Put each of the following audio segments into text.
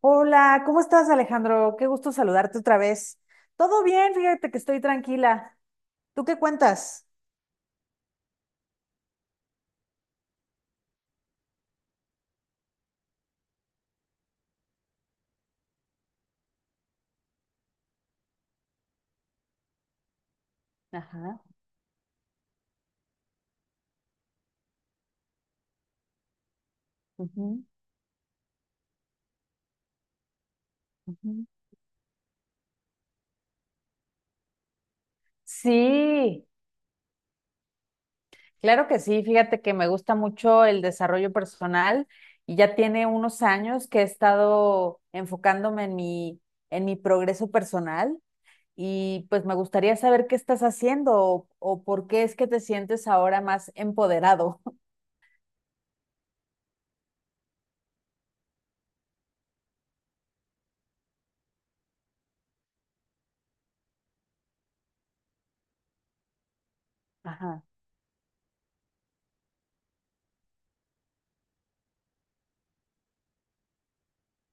Hola, ¿cómo estás, Alejandro? Qué gusto saludarte otra vez. Todo bien, fíjate que estoy tranquila. ¿Tú qué cuentas? Ajá. Ujú, ujú. Sí, claro que sí. Fíjate que me gusta mucho el desarrollo personal y ya tiene unos años que he estado enfocándome en mi progreso personal y pues me gustaría saber qué estás haciendo o por qué es que te sientes ahora más empoderado. Ajá.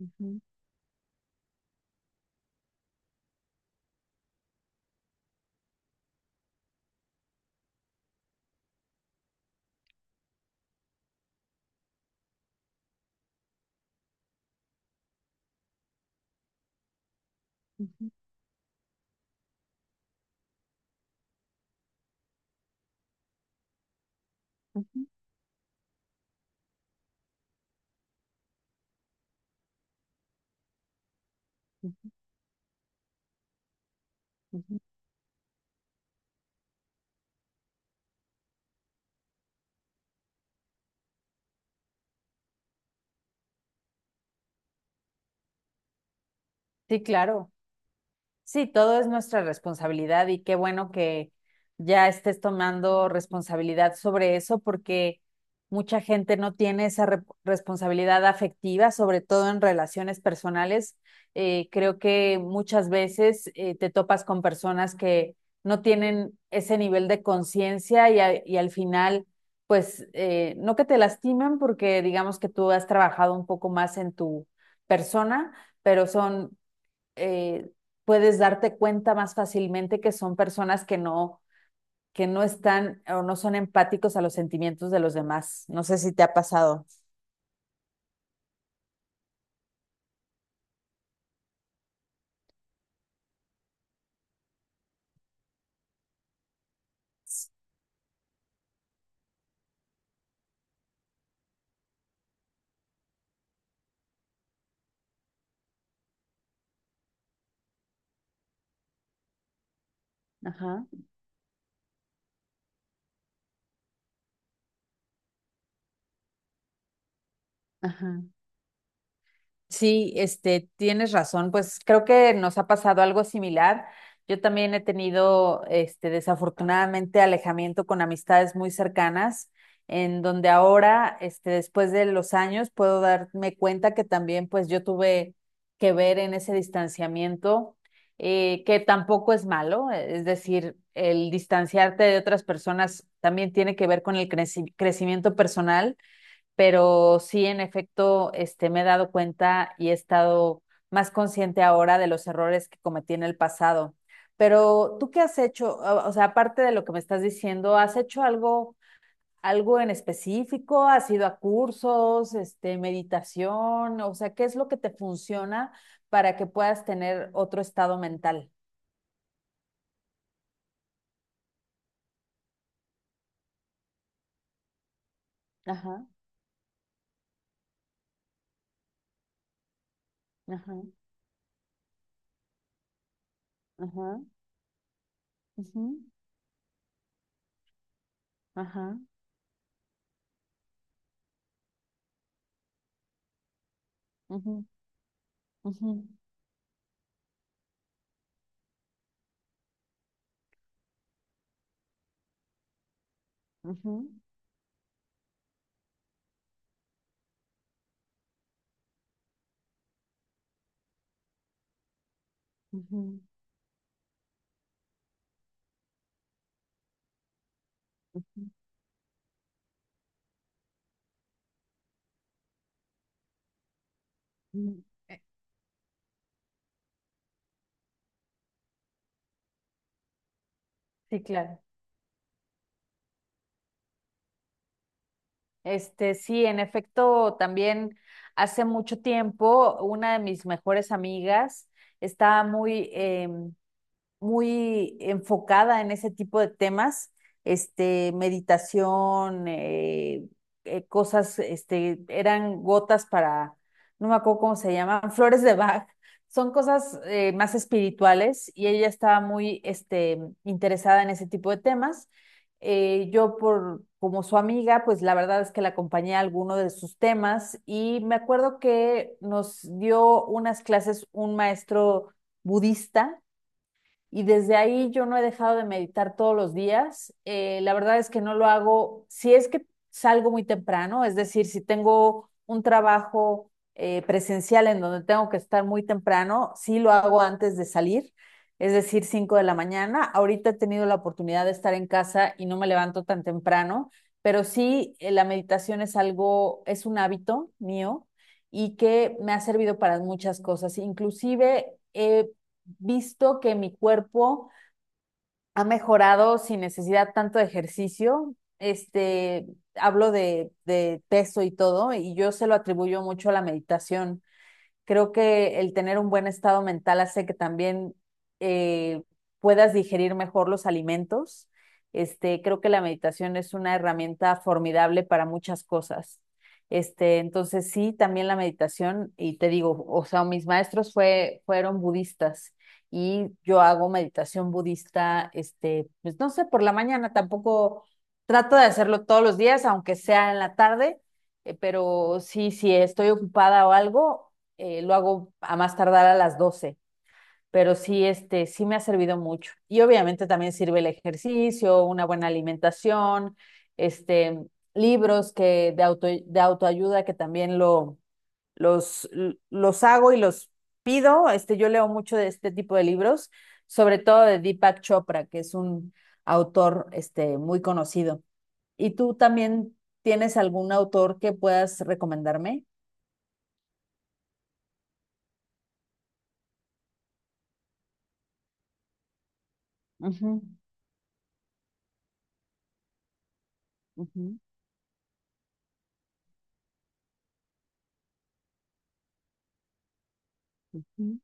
Ujú, ujú, ujú, ujú. Sí, claro. Sí, todo es nuestra responsabilidad y qué bueno que ya estés tomando responsabilidad sobre eso porque mucha gente no tiene esa responsabilidad afectiva, sobre todo en relaciones personales. Creo que muchas veces te topas con personas que no tienen ese nivel de conciencia y, y al final, pues, no que te lastiman porque digamos que tú has trabajado un poco más en tu persona, pero son, eh, puedes darte cuenta más fácilmente que son personas que no están o no son empáticos a los sentimientos de los demás. No sé si te ha pasado. Ajá, ajá. Sí, este, tienes razón. Pues creo que nos ha pasado algo similar. Yo también he tenido, este, desafortunadamente, alejamiento con amistades muy cercanas, en donde ahora, este, después de los años, puedo darme cuenta que también, pues, yo tuve que ver en ese distanciamiento, que tampoco es malo. Es decir, el distanciarte de otras personas también tiene que ver con el crecimiento personal, pero sí, en efecto, este, me he dado cuenta y he estado más consciente ahora de los errores que cometí en el pasado. Pero tú qué has hecho, o sea, aparte de lo que me estás diciendo, ¿has hecho algo, algo en específico? ¿Has ido a cursos, este, meditación? O sea, ¿qué es lo que te funciona para que puedas tener otro estado mental? Ajá, ajá, ajá, ujú, ajá, ujú, ujú, ujú, ujú, ujú, ujú. Sí, claro. Este, sí, en efecto, también hace mucho tiempo una de mis mejores amigas estaba muy enfocada en ese tipo de temas, este, meditación, cosas, este, eran gotas para, no me acuerdo cómo se llaman, flores de Bach. Son cosas, más espirituales, y ella estaba muy este, interesada en ese tipo de temas. Yo por como su amiga, pues la verdad es que la acompañé a alguno de sus temas y me acuerdo que nos dio unas clases un maestro budista y desde ahí yo no he dejado de meditar todos los días. La verdad es que no lo hago, si es que salgo muy temprano, es decir, si tengo un trabajo presencial en donde tengo que estar muy temprano, sí lo hago antes de salir, es decir, 5 de la mañana. Ahorita he tenido la oportunidad de estar en casa y no me levanto tan temprano, pero sí, la meditación es algo, es un hábito mío y que me ha servido para muchas cosas, Visto que mi cuerpo ha mejorado sin necesidad tanto de ejercicio. Este, hablo de peso y todo, y yo se lo atribuyo mucho a la meditación. Creo que el tener un buen estado mental hace que también eh, puedas digerir mejor los alimentos. Este, creo que la meditación es una herramienta formidable para muchas cosas. Este, entonces sí, también la meditación, y te digo, o sea, mis maestros fueron budistas y yo hago meditación budista, este, pues no sé, por la mañana tampoco trato de hacerlo todos los días, aunque sea en la tarde, pero sí, si estoy ocupada o algo, lo hago a más tardar a las 12, pero sí, este, sí me ha servido mucho. Y obviamente también sirve el ejercicio, una buena alimentación, este, libros que de autoayuda que también los, los hago y los pido. Este, yo leo mucho de este tipo de libros, sobre todo de Deepak Chopra, que es un autor este, muy conocido. ¿Y tú también tienes algún autor que puedas recomendarme? Ujú, ujú, ujú.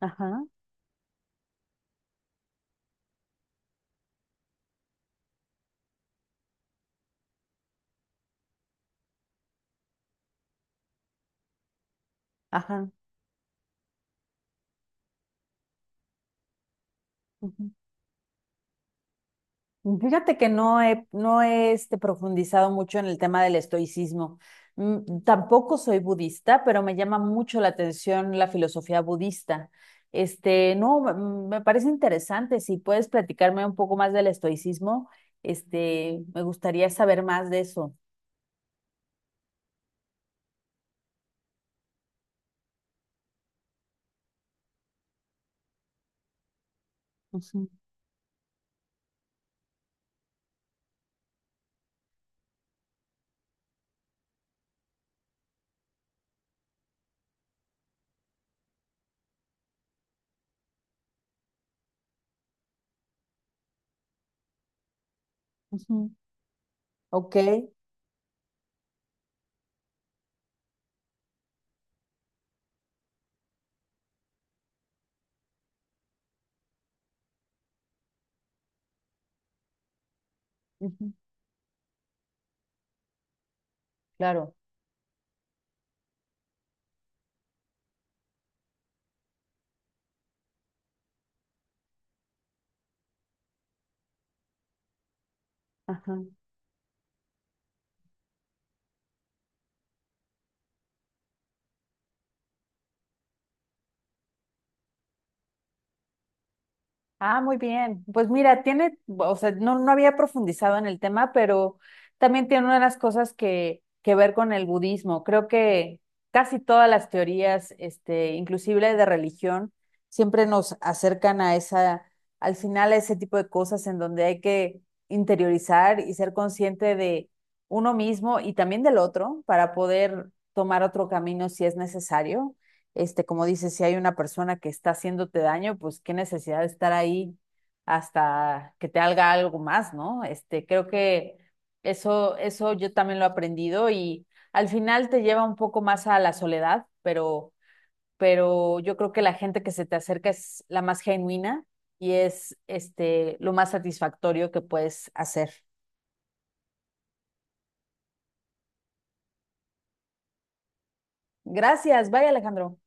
Ajá. Ajá. Ujú. Fíjate que no he este, profundizado mucho en el tema del estoicismo. Tampoco soy budista, pero me llama mucho la atención la filosofía budista. Este, no, me parece interesante. Si puedes platicarme un poco más del estoicismo, este, me gustaría saber más de eso. Ujú, ujú. Ok. Ujú, claro. Ajá. Ah, muy bien. Pues mira, tiene, o sea, no, no había profundizado en el tema, pero también tiene una de las cosas que ver con el budismo. Creo que casi todas las teorías, este, inclusive de religión, siempre nos acercan a esa, al final a ese tipo de cosas en donde hay que interiorizar y ser consciente de uno mismo y también del otro para poder tomar otro camino si es necesario. Este, como dices, si hay una persona que está haciéndote daño, pues qué necesidad de estar ahí hasta que te haga algo más, ¿no? Este, creo que eso yo también lo he aprendido y al final te lleva un poco más a la soledad, pero yo creo que la gente que se te acerca es la más genuina y es este lo más satisfactorio que puedes hacer. Gracias, bye Alejandro.